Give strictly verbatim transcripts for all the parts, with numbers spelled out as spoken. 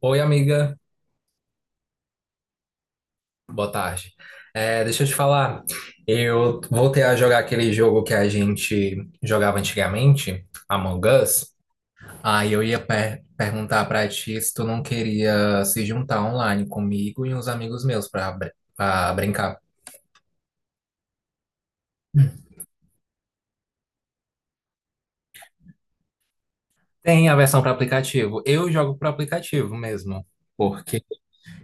Oi, amiga. Boa tarde. É, deixa eu te falar. Eu voltei a jogar aquele jogo que a gente jogava antigamente, Among Us. Aí eu ia per- perguntar pra ti se tu não queria se juntar online comigo e uns amigos meus pra, br- pra brincar. Tem a versão para aplicativo. Eu jogo para aplicativo mesmo, porque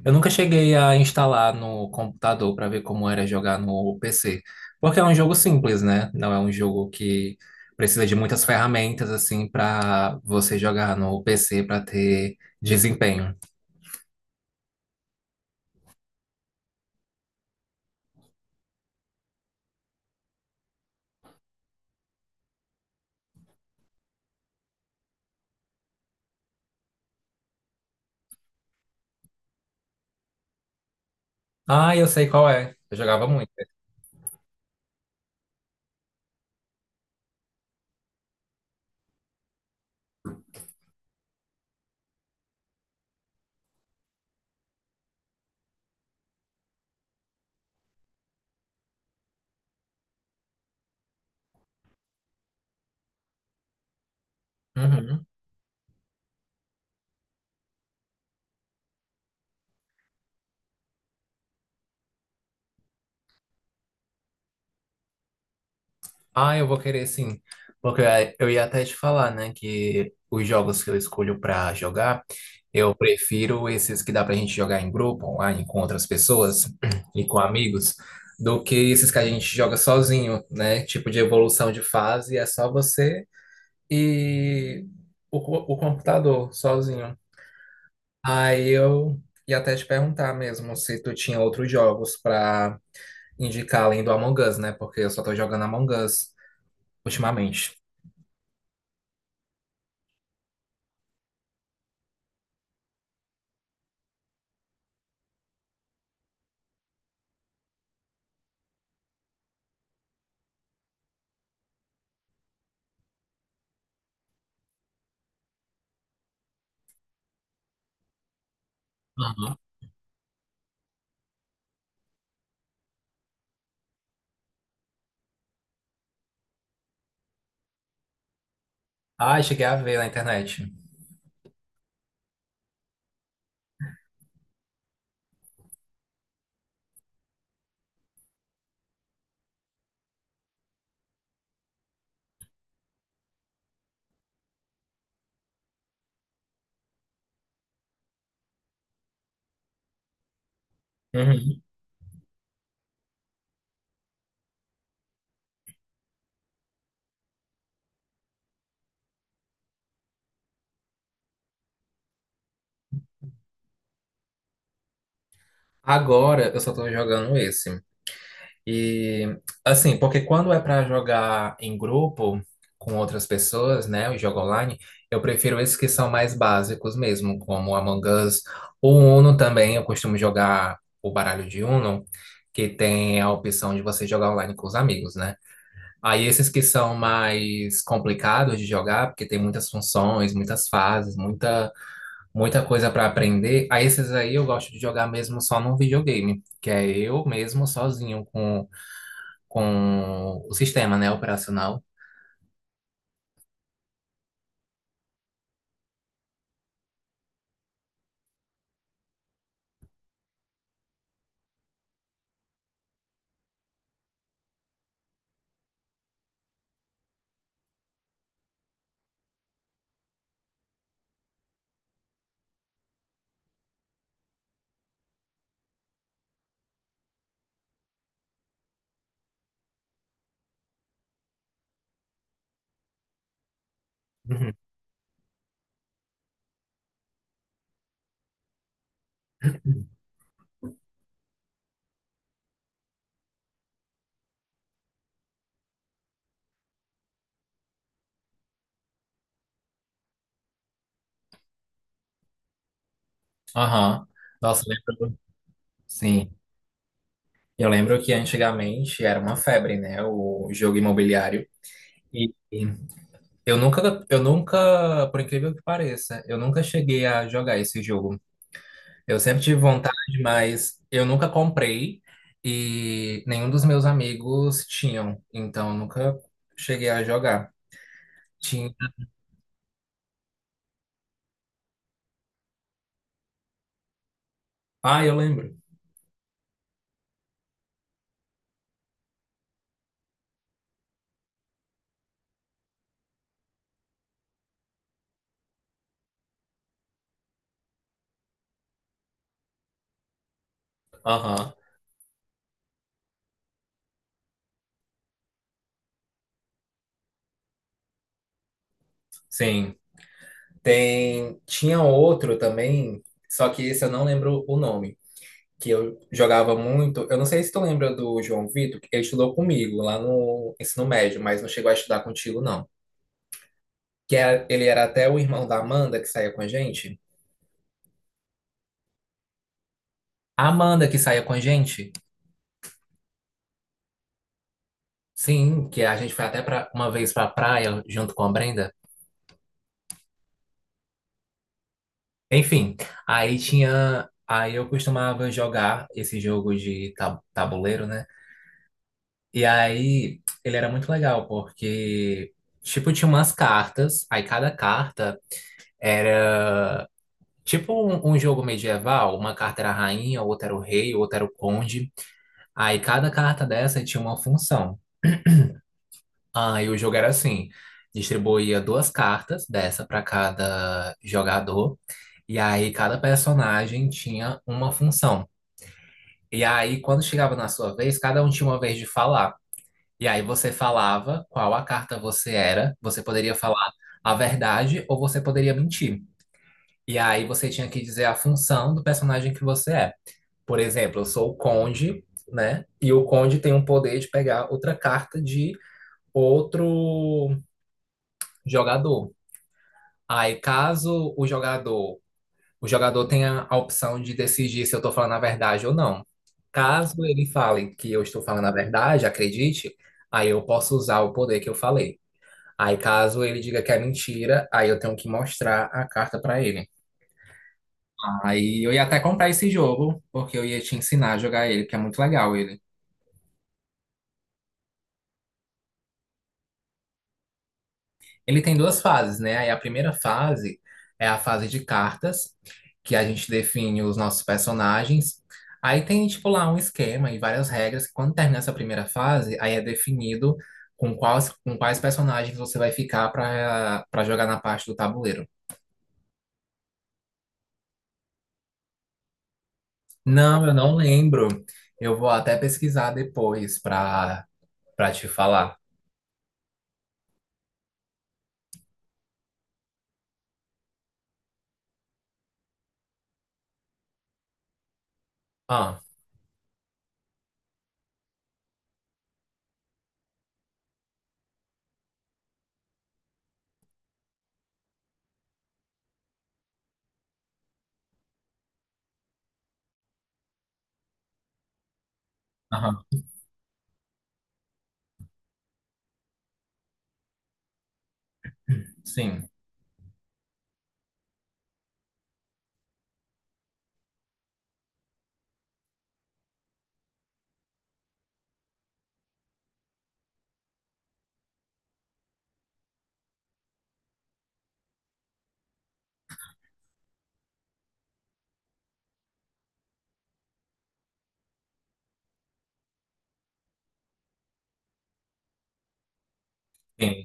eu nunca cheguei a instalar no computador para ver como era jogar no P C, porque é um jogo simples, né? Não é um jogo que precisa de muitas ferramentas assim para você jogar no P C para ter desempenho. Ah, eu sei qual é. Eu jogava muito. Uhum. Ah, eu vou querer sim. Porque eu ia até te falar, né, que os jogos que eu escolho pra jogar, eu prefiro esses que dá pra gente jogar em grupo, online, com outras pessoas e com amigos, do que esses que a gente joga sozinho, né? Tipo de evolução de fase, é só você e o, co- o computador sozinho. Aí eu ia até te perguntar mesmo se tu tinha outros jogos pra indicar além do Among Us, né? Porque eu só tô jogando Among Us ultimamente. Uhum. Ah, cheguei a ver na internet. Uhum. Agora eu só tô jogando esse. E assim, porque quando é pra jogar em grupo com outras pessoas, né, o jogo online, eu prefiro esses que são mais básicos mesmo, como Among Us, o Uno também, eu costumo jogar o baralho de Uno, que tem a opção de você jogar online com os amigos, né? Aí esses que são mais complicados de jogar, porque tem muitas funções, muitas fases, muita muita coisa para aprender. Aí esses aí eu gosto de jogar mesmo só num videogame, que é eu mesmo sozinho com, com o sistema, né, operacional. Uhum. Aham. Nossa, lembro. Sim. Eu lembro que antigamente era uma febre, né, o jogo imobiliário. E e eu nunca, eu nunca, por incrível que pareça, eu nunca cheguei a jogar esse jogo. Eu sempre tive vontade, mas eu nunca comprei e nenhum dos meus amigos tinham, então eu nunca cheguei a jogar. Tinha... Ah, eu lembro. Aham, sim. Tem... Tinha outro também, só que esse eu não lembro o nome, que eu jogava muito. Eu não sei se tu lembra do João Vitor, que ele estudou comigo lá no ensino médio, mas não chegou a estudar contigo, não. Que era... ele era até o irmão da Amanda que saía com a gente. A Amanda que saía com a gente. Sim, que a gente foi até pra, uma vez pra praia junto com a Brenda. Enfim, aí tinha. Aí eu costumava jogar esse jogo de ta- tabuleiro, né? E aí ele era muito legal, porque, tipo, tinha umas cartas, aí cada carta era tipo um, um jogo medieval, uma carta era a rainha, outra era o rei, outra era o conde. Aí cada carta dessa tinha uma função. Ah, e o jogo era assim: distribuía duas cartas dessa para cada jogador, e aí cada personagem tinha uma função. E aí, quando chegava na sua vez, cada um tinha uma vez de falar. E aí você falava qual a carta você era, você poderia falar a verdade ou você poderia mentir. E aí você tinha que dizer a função do personagem que você é. Por exemplo, eu sou o Conde, né? E o Conde tem um poder de pegar outra carta de outro jogador. Aí, caso o jogador, o jogador tenha a opção de decidir se eu estou falando a verdade ou não. Caso ele fale que eu estou falando a verdade, acredite, aí eu posso usar o poder que eu falei. Aí, caso ele diga que é mentira, aí eu tenho que mostrar a carta para ele. Aí eu ia até comprar esse jogo, porque eu ia te ensinar a jogar ele, que é muito legal ele. Ele tem duas fases, né? Aí a primeira fase é a fase de cartas, que a gente define os nossos personagens. Aí tem, tipo, lá um esquema e várias regras. Que Quando termina essa primeira fase, aí é definido com quais, com quais personagens você vai ficar para para jogar na parte do tabuleiro. Não, eu não lembro. Eu vou até pesquisar depois para para te falar. Ah, aham, sim, sim.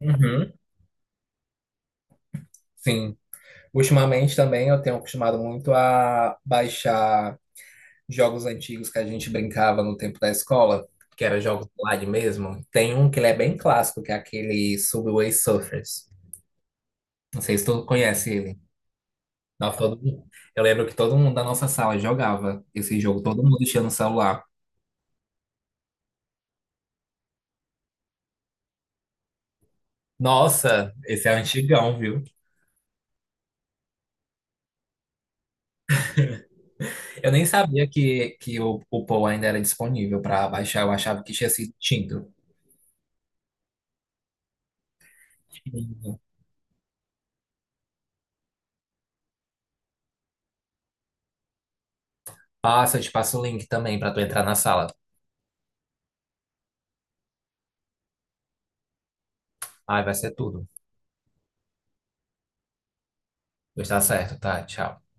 Uhum, sim. Ultimamente também eu tenho acostumado muito a baixar jogos antigos que a gente brincava no tempo da escola, que era jogos online mesmo, tem um que ele é bem clássico, que é aquele Subway Surfers. Não sei se tu conhece ele. Nossa, todo mundo- Eu lembro que todo mundo da nossa sala jogava esse jogo, todo mundo tinha no celular. Nossa, esse é antigão, viu? Eu nem sabia que, que o, o Paul ainda era disponível para baixar, eu achava que tinha sido extinto. Passa, eu te passo o link também para tu entrar na sala. Ai, vai ser tudo. Pois tá certo, tá? Tchau.